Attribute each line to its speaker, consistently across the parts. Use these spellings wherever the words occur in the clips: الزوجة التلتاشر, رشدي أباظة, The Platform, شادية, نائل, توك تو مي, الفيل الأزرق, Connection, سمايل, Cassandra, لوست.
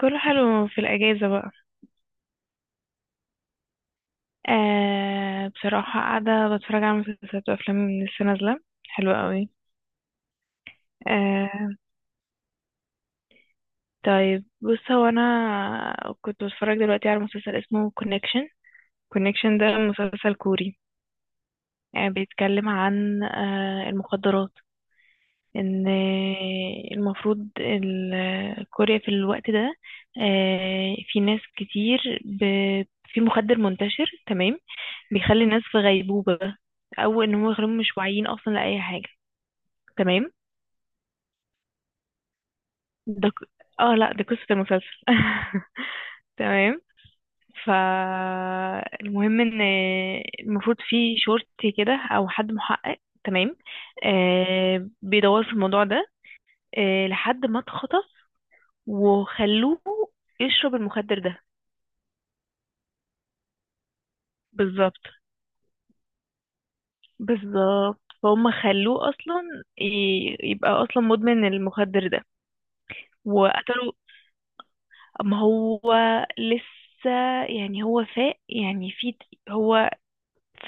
Speaker 1: كله حلو في الأجازة بقى. بصراحة قاعدة بتفرج على مسلسلات وأفلام لسه نازلة، حلوة قوي. آه طيب بص، هو أنا كنت بتفرج دلوقتي على مسلسل اسمه كونكشن. كونكشن ده مسلسل كوري. بيتكلم عن المخدرات. إن المفروض كوريا في الوقت ده في ناس كتير في مخدر منتشر. تمام. بيخلي الناس في غيبوبة، او ان هم يخلوهم مش واعيين اصلا لاي حاجه. تمام. ده ك... اه لا، دي قصه المسلسل. تمام. فالمهم ان المفروض في شرطي كده او حد محقق. تمام. بيدور في الموضوع ده، لحد ما اتخطف وخلوه يشرب المخدر ده. بالظبط، بالظبط. فهم خلوه اصلا يبقى اصلا مدمن المخدر ده وقتلوا. ما هو لسه يعني هو فاق يعني في، هو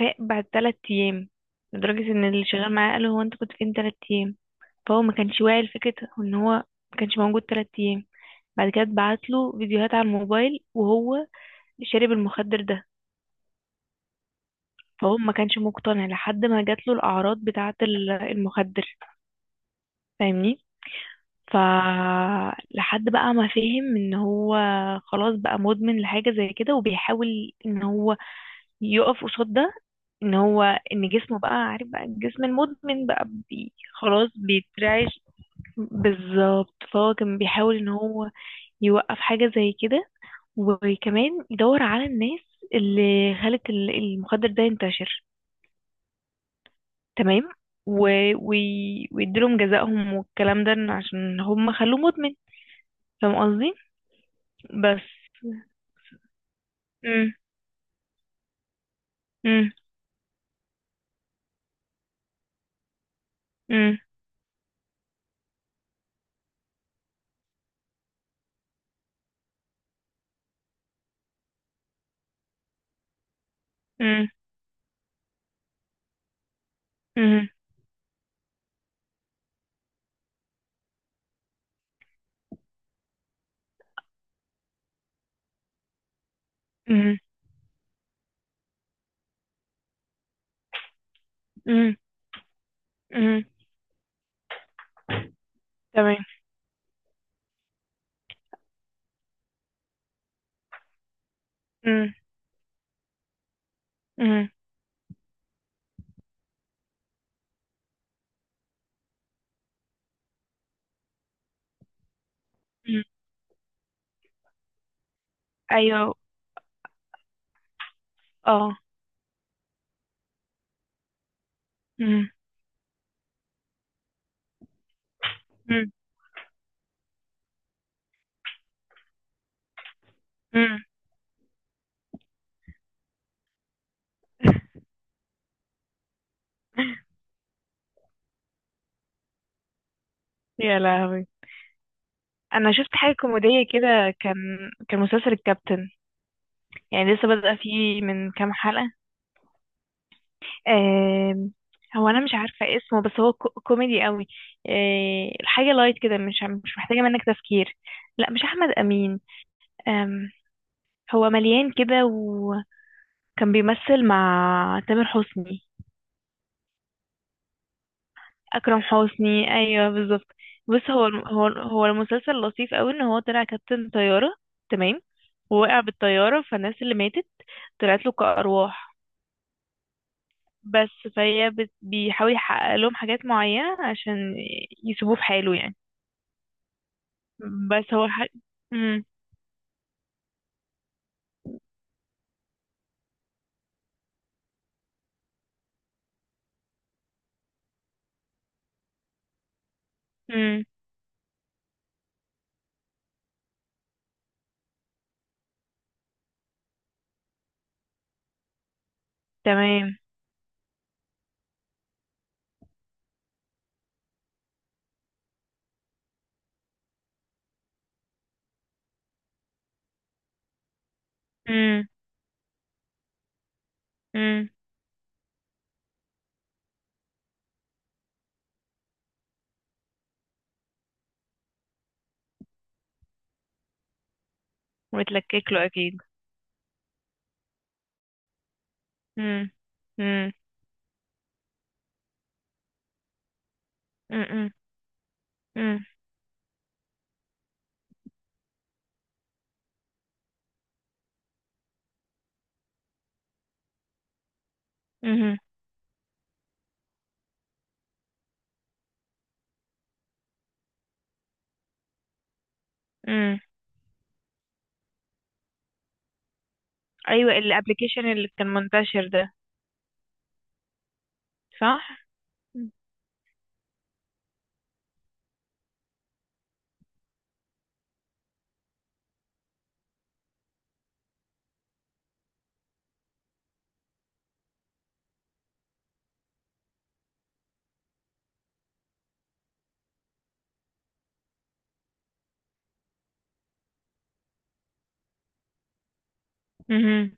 Speaker 1: فاق بعد 3 ايام، لدرجة ان اللي شغال معاه قال له: هو انت كنت فين 3 ايام؟ فهو ما كانش واعي لفكرة ان هو ما كانش موجود 3 ايام. بعد كده اتبعت له فيديوهات على الموبايل وهو شارب المخدر ده. فهو ما كانش مقتنع لحد ما جات له الاعراض بتاعة المخدر. فاهمني؟ ف لحد بقى ما فهم ان هو خلاص بقى مدمن لحاجة زي كده، وبيحاول ان هو يقف قصاد ده. ان هو ان جسمه بقى عارف، بقى الجسم المدمن بقى بي خلاص بيترعش. بالظبط. فهو كان بيحاول ان هو يوقف حاجة زي كده، وكمان يدور على الناس اللي خلت المخدر ده ينتشر. تمام. و... ويديلهم جزائهم والكلام ده، إن عشان هم خلوه مدمن. فاهم قصدي؟ بس. مم. مم. مم. مم. مم. مم. مم. تمام. مم. مم. ايوه. اه. مم. مم. مم. يا لهوي. انا شفت حاجه كوميديه كده، كان كان مسلسل الكابتن. يعني لسه بدأ فيه من كام حلقه. آم، هو انا مش عارفه اسمه، بس هو كوميدي قوي. الحاجه لايت كده، مش مش محتاجه منك تفكير. لا مش احمد امين. آم، هو مليان كده وكان بيمثل مع تامر حسني. اكرم حسني، ايوه بالظبط. بص هو هو المسلسل لطيف قوي ان هو طلع كابتن طياره. تمام. ووقع بالطياره، فالناس اللي ماتت طلعت له كارواح. بس فهي بيحاول يحقق لهم حاجات معينه عشان يسيبوه في حاله يعني. بس هو ح... مم. مم. تمام. مم. مم. ويتلكك له اكيد. مم. مم. مم. مم. مم. مم. ايوه، الابلكيشن اللي كان منتشر ده. صح. مهم.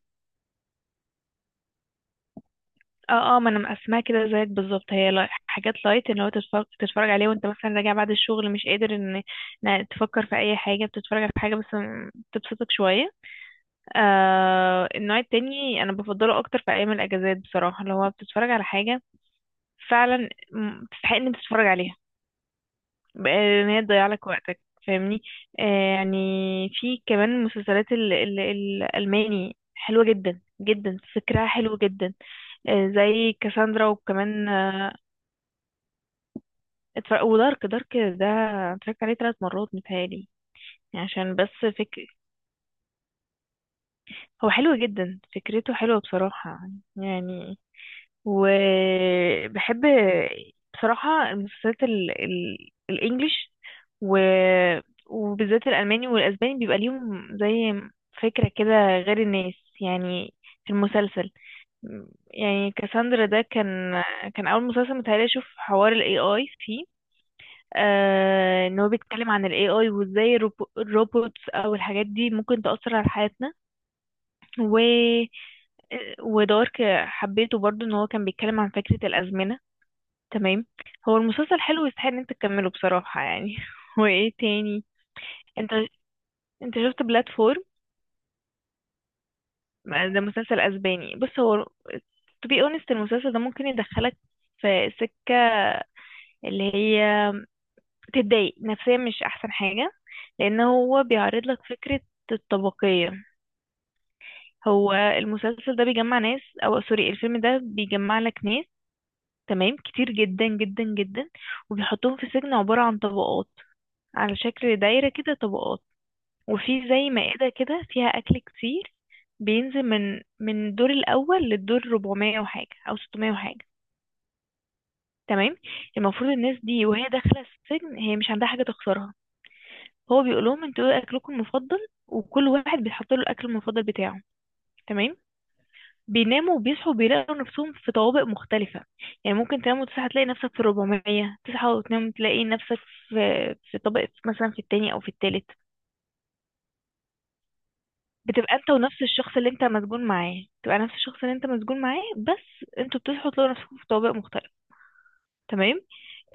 Speaker 1: اه اه، ما انا مقسماها كده زيك بالظبط. هي حاجات لايت اللي هو تتفرج عليه وانت مثلا راجع بعد الشغل، مش قادر ان إن تفكر في اي حاجه، بتتفرج على حاجه بس تبسطك شويه. آه النوع التاني انا بفضله اكتر في ايام الاجازات بصراحه، اللي هو بتتفرج على حاجه فعلا تستحق ان أنت تتفرج عليها، ان هي تضيع لك وقتك. فاهمني؟ آه يعني في كمان مسلسلات ال ال الالماني حلوه جدا جدا، فكرها حلو جدا. آه، زي كاساندرا، وكمان آه، اتفرج. ودارك ده اتفرجت عليه 3 مرات متهيألي، يعني عشان بس هو حلو جدا، فكرته حلوة بصراحة يعني. وبحب بصراحة المسلسلات الإنجليش، و... وبالذات الألماني والأسباني، بيبقى ليهم زي فكرة كده غير الناس يعني في المسلسل. يعني كاساندرا ده كان كان أول مسلسل متهيألي أشوف حوار ال AI فيه. آه ان هو بيتكلم عن ال AI وازاي الروبوتس او الحاجات دي ممكن تأثر على حياتنا. و ودارك حبيته برضو، ان هو كان بيتكلم عن فكرة الأزمنة. تمام. هو المسلسل حلو ويستحق ان انت تكمله بصراحة يعني. وايه تاني؟ انت شفت بلاتفورم؟ ده مسلسل اسباني. بص هو to be honest المسلسل ده ممكن يدخلك في سكة اللي هي تضايق نفسيا، مش احسن حاجة، لان هو بيعرض لك فكرة الطبقية. هو المسلسل ده بيجمع ناس، او سوري، الفيلم ده بيجمع لك ناس تمام كتير جدا جدا جدا، وبيحطهم في سجن عبارة عن طبقات، على شكل دايرة كده طبقات، وفي زي مائدة كده فيها أكل كتير، بينزل من الدور الأول للدور 400 وحاجة أو 600 وحاجة. تمام. المفروض الناس دي وهي داخلة السجن هي مش عندها حاجة تخسرها. هو بيقول لهم: انتوا ايه أكلكم المفضل؟ وكل واحد بيحط له الأكل المفضل بتاعه. تمام. بيناموا وبيصحوا بيلاقوا نفسهم في طوابق مختلفة. يعني ممكن تنام وتصحى تلاقي نفسك في الربعمية، تصحى وتنام تلاقي نفسك في في طابق مثلا في التاني أو في التالت. بتبقى انت ونفس الشخص اللي انت مسجون معاه، بتبقى نفس الشخص اللي انت مسجون معاه، بس انتوا بتصحوا تلاقوا نفسكم في طوابق مختلفة. تمام.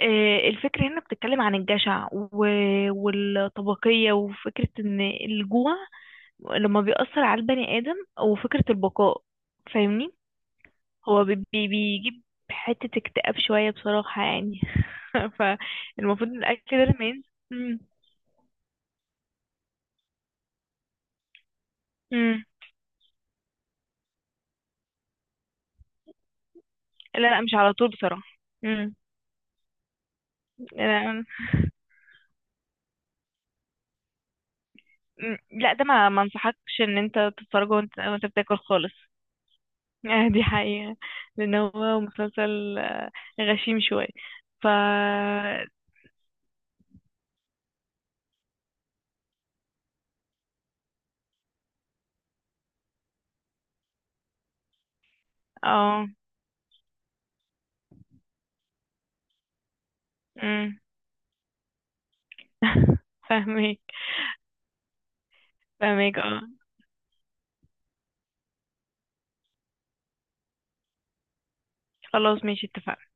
Speaker 1: آه الفكرة هنا بتتكلم عن الجشع والطبقية، وفكرة ان الجوع لما بيأثر على البني آدم، وفكرة البقاء. فاهمني؟ هو بيجيب حتة اكتئاب شوية بصراحة يعني. فالمفروض الأكل ده لما ينزل. مم. مم. لا لا، مش على طول بصراحة. مم. لا. مم. لا، ده ما انصحكش ان انت تتفرج وانت بتاكل خالص. آه، دي حقيقة. لان هو مسلسل غشيم شوية. ف اه. مم. فاهمك. فاهمك اه. خلاص ماشي، اتفقنا.